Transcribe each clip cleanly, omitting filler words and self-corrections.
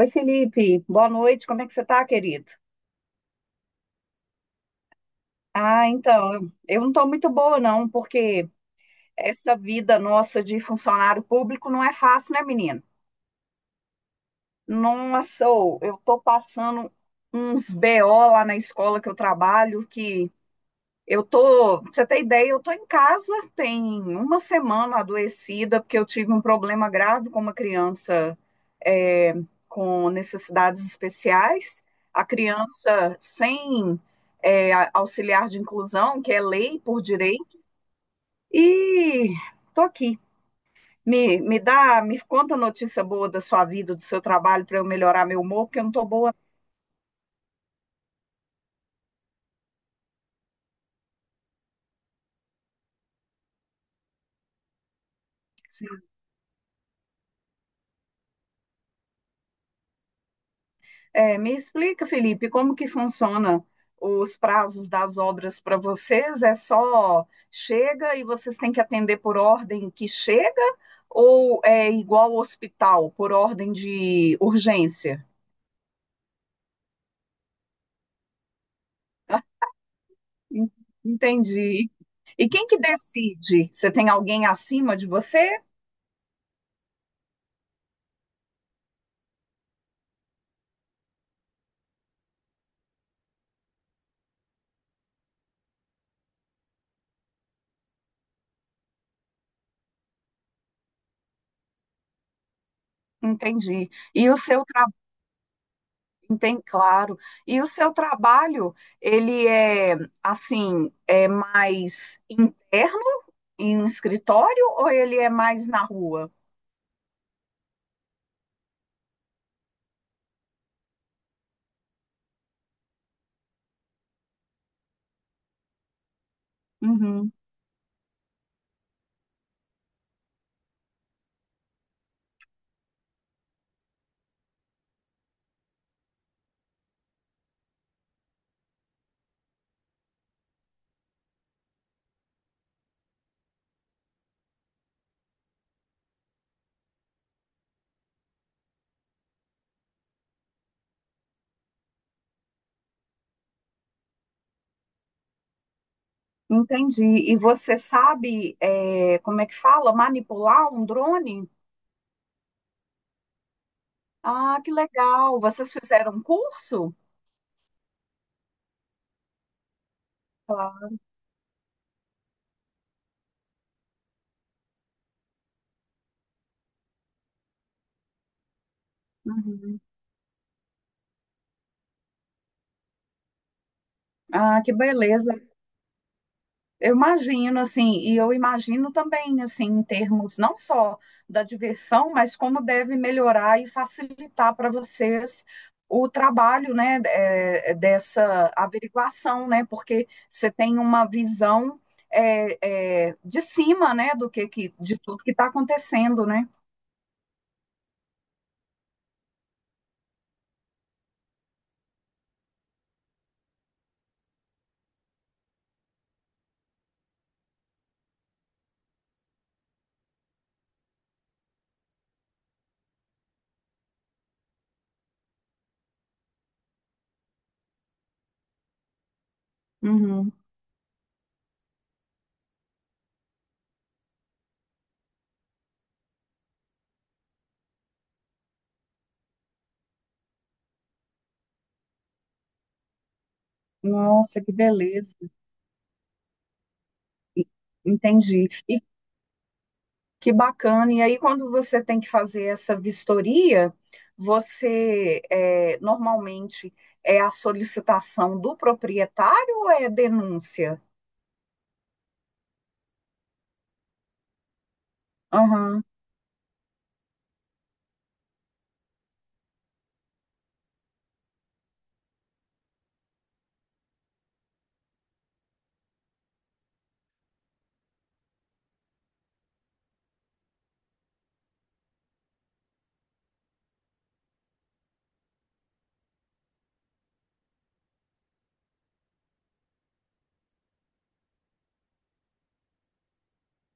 Oi, Felipe. Boa noite. Como é que você tá, querido? Ah, então, eu não tô muito boa, não, porque essa vida nossa de funcionário público não é fácil, né, menino? Nossa, ô, eu tô passando uns BO lá na escola que eu trabalho. Pra você ter ideia, eu tô em casa tem uma semana adoecida, porque eu tive um problema grave com uma criança é, com necessidades especiais. A criança sem auxiliar de inclusão, que é lei por direito, e tô aqui. Me conta notícia boa da sua vida, do seu trabalho, para eu melhorar meu humor, porque eu não tô boa. É, me explica, Felipe, como que funciona os prazos das obras para vocês? É só chega e vocês têm que atender por ordem que chega ou é igual ao hospital, por ordem de urgência? Ah, en- Entendi. E quem que decide? Você tem alguém acima de você? Entendi. E o seu trabalho, tem, claro. E o seu trabalho, ele é assim, é mais interno em um escritório ou ele é mais na rua? Uhum. Entendi. E você sabe, como é que fala? Manipular um drone? Ah, que legal. Vocês fizeram um curso? Uhum. Ah, que beleza. Eu imagino, assim, e eu imagino também, assim, em termos não só da diversão, mas como deve melhorar e facilitar para vocês o trabalho, né, dessa averiguação, né, porque você tem uma visão de cima, né, do que de tudo que está acontecendo, né? Uhum. Nossa, que beleza. E- Entendi. Que bacana. E aí, quando você tem que fazer essa vistoria, você normalmente é a solicitação do proprietário ou é denúncia? Aham,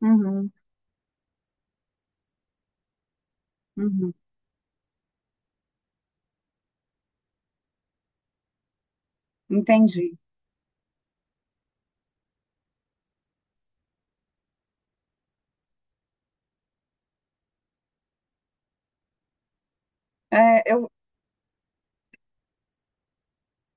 uhum, uhum. Entendi. É, eu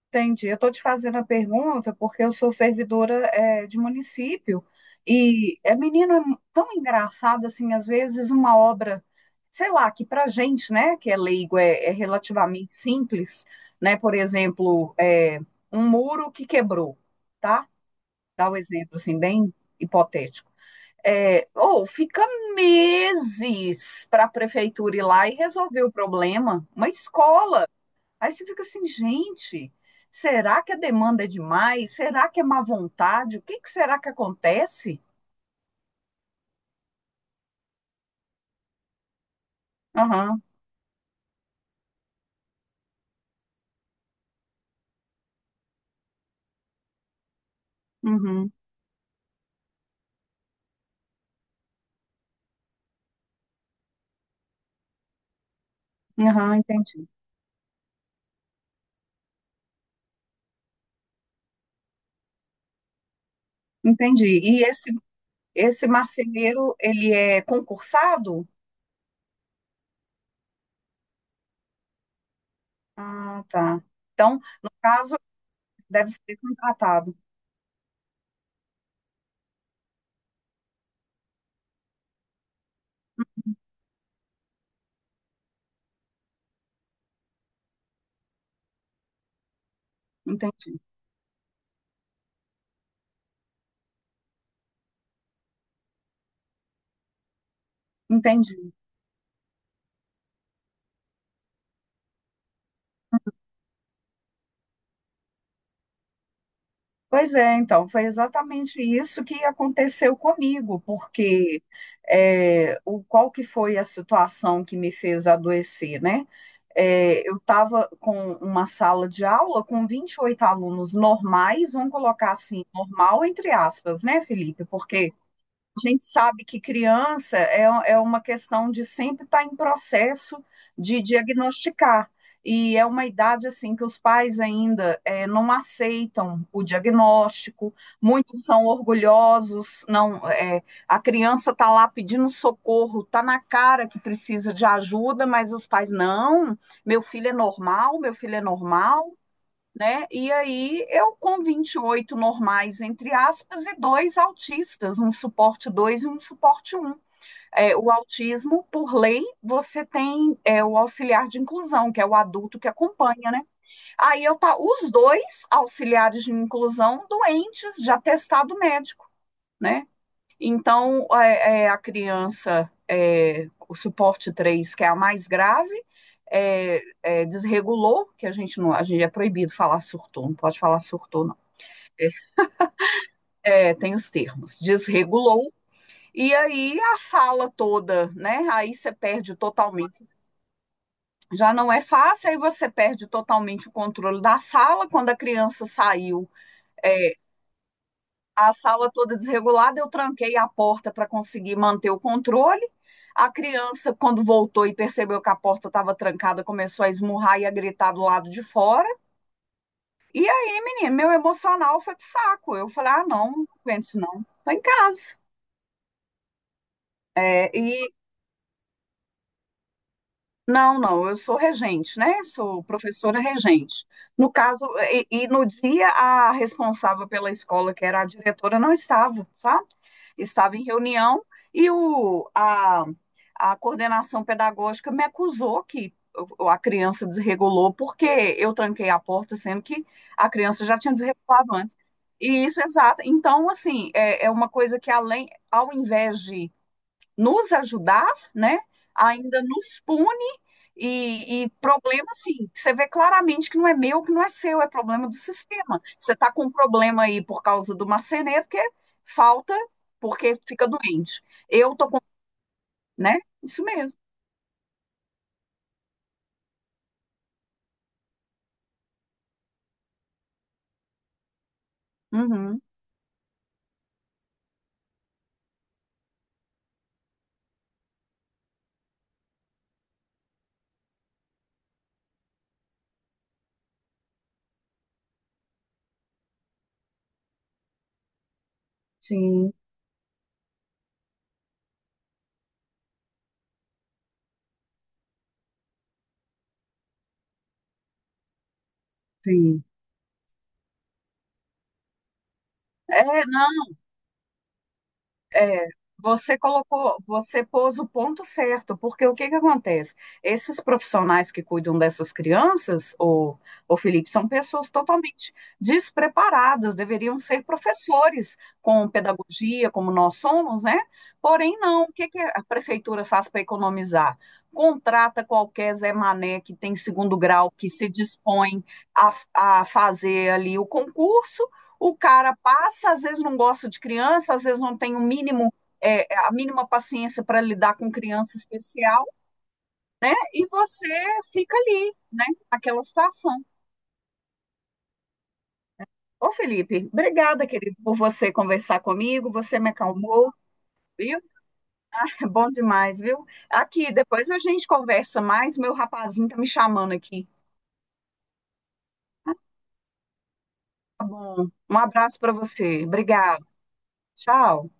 Entendi. Eu estou te fazendo a pergunta porque eu sou servidora, de município e é menino é tão engraçado assim, às vezes uma obra, sei lá, que para gente, né, que é leigo, é, relativamente simples, né? Por exemplo, um muro que quebrou, tá? Dá um exemplo assim bem hipotético. É, ou fica meses para a prefeitura ir lá e resolver o problema. Uma escola. Aí você fica assim, gente, será que a demanda é demais? Será que é má vontade? O que que será que acontece? Aham, uhum, aham, entendi. Entendi. E esse marceneiro, ele é concursado? Ah, tá. Então, no caso, deve ser contratado. Entendi, entendi. Pois é, então, foi exatamente isso que aconteceu comigo, porque qual que foi a situação que me fez adoecer, né? É, eu estava com uma sala de aula com 28 alunos normais, vamos colocar assim, normal entre aspas, né, Felipe? Porque a gente sabe que criança é uma questão de sempre estar em processo de diagnosticar. E é uma idade assim que os pais ainda não aceitam o diagnóstico, muitos são orgulhosos, não, a criança está lá pedindo socorro, está na cara que precisa de ajuda, mas os pais não, meu filho é normal, meu filho é normal, né? E aí eu com 28 normais, entre aspas, e dois autistas, um suporte 2 e um suporte um. É, o autismo, por lei, você tem, o auxiliar de inclusão, que é o adulto que acompanha, né? Aí eu tá os dois auxiliares de inclusão doentes de atestado médico. Né? Então, a criança, é, o suporte três, que é a mais grave, desregulou, que a gente não, a gente é proibido falar surtou, não pode falar surtou, não. É, tem os termos, desregulou, e aí a sala toda, né? Aí você perde totalmente. Já não é fácil, aí você perde totalmente o controle da sala. Quando a criança saiu, é, a sala toda desregulada, eu tranquei a porta para conseguir manter o controle. A criança, quando voltou e percebeu que a porta estava trancada, começou a esmurrar e a gritar do lado de fora. E aí, menino, meu emocional foi pro saco. Eu falei: ah, não, não aguento isso não. Tô em casa. É, e Não, não, eu sou regente, né? Sou professora regente. No caso, e no dia a responsável pela escola, que era a diretora, não estava, sabe? Estava em reunião e a coordenação pedagógica me acusou que a criança desregulou porque eu tranquei a porta, sendo que a criança já tinha desregulado antes. E isso, exato. Então, assim, é uma coisa que além, ao invés de nos ajudar, né? Ainda nos pune e problema, assim, você vê claramente que não é meu, que não é seu, é problema do sistema. Você está com um problema aí por causa do marceneiro, porque falta, porque fica doente. Eu tô com, né? Isso mesmo. Uhum, sim, sim. É, não, é, você pôs o ponto certo, porque o que que acontece? Esses profissionais que cuidam dessas crianças, o Felipe, são pessoas totalmente despreparadas, deveriam ser professores com pedagogia, como nós somos, né? Porém, não. O que que a prefeitura faz para economizar? Contrata qualquer Zé Mané que tem segundo grau, que se dispõe a, a fazer ali o concurso, o cara passa, às vezes não gosta de criança, às vezes não tem o mínimo, a mínima paciência para lidar com criança especial, né? E você fica ali, né? Naquela situação. Ô, Felipe, obrigada, querido, por você conversar comigo, você me acalmou, viu? É bom demais, viu? Aqui, depois a gente conversa mais, meu rapazinho tá me chamando aqui. Tá bom. Um abraço para você. Obrigada. Tchau.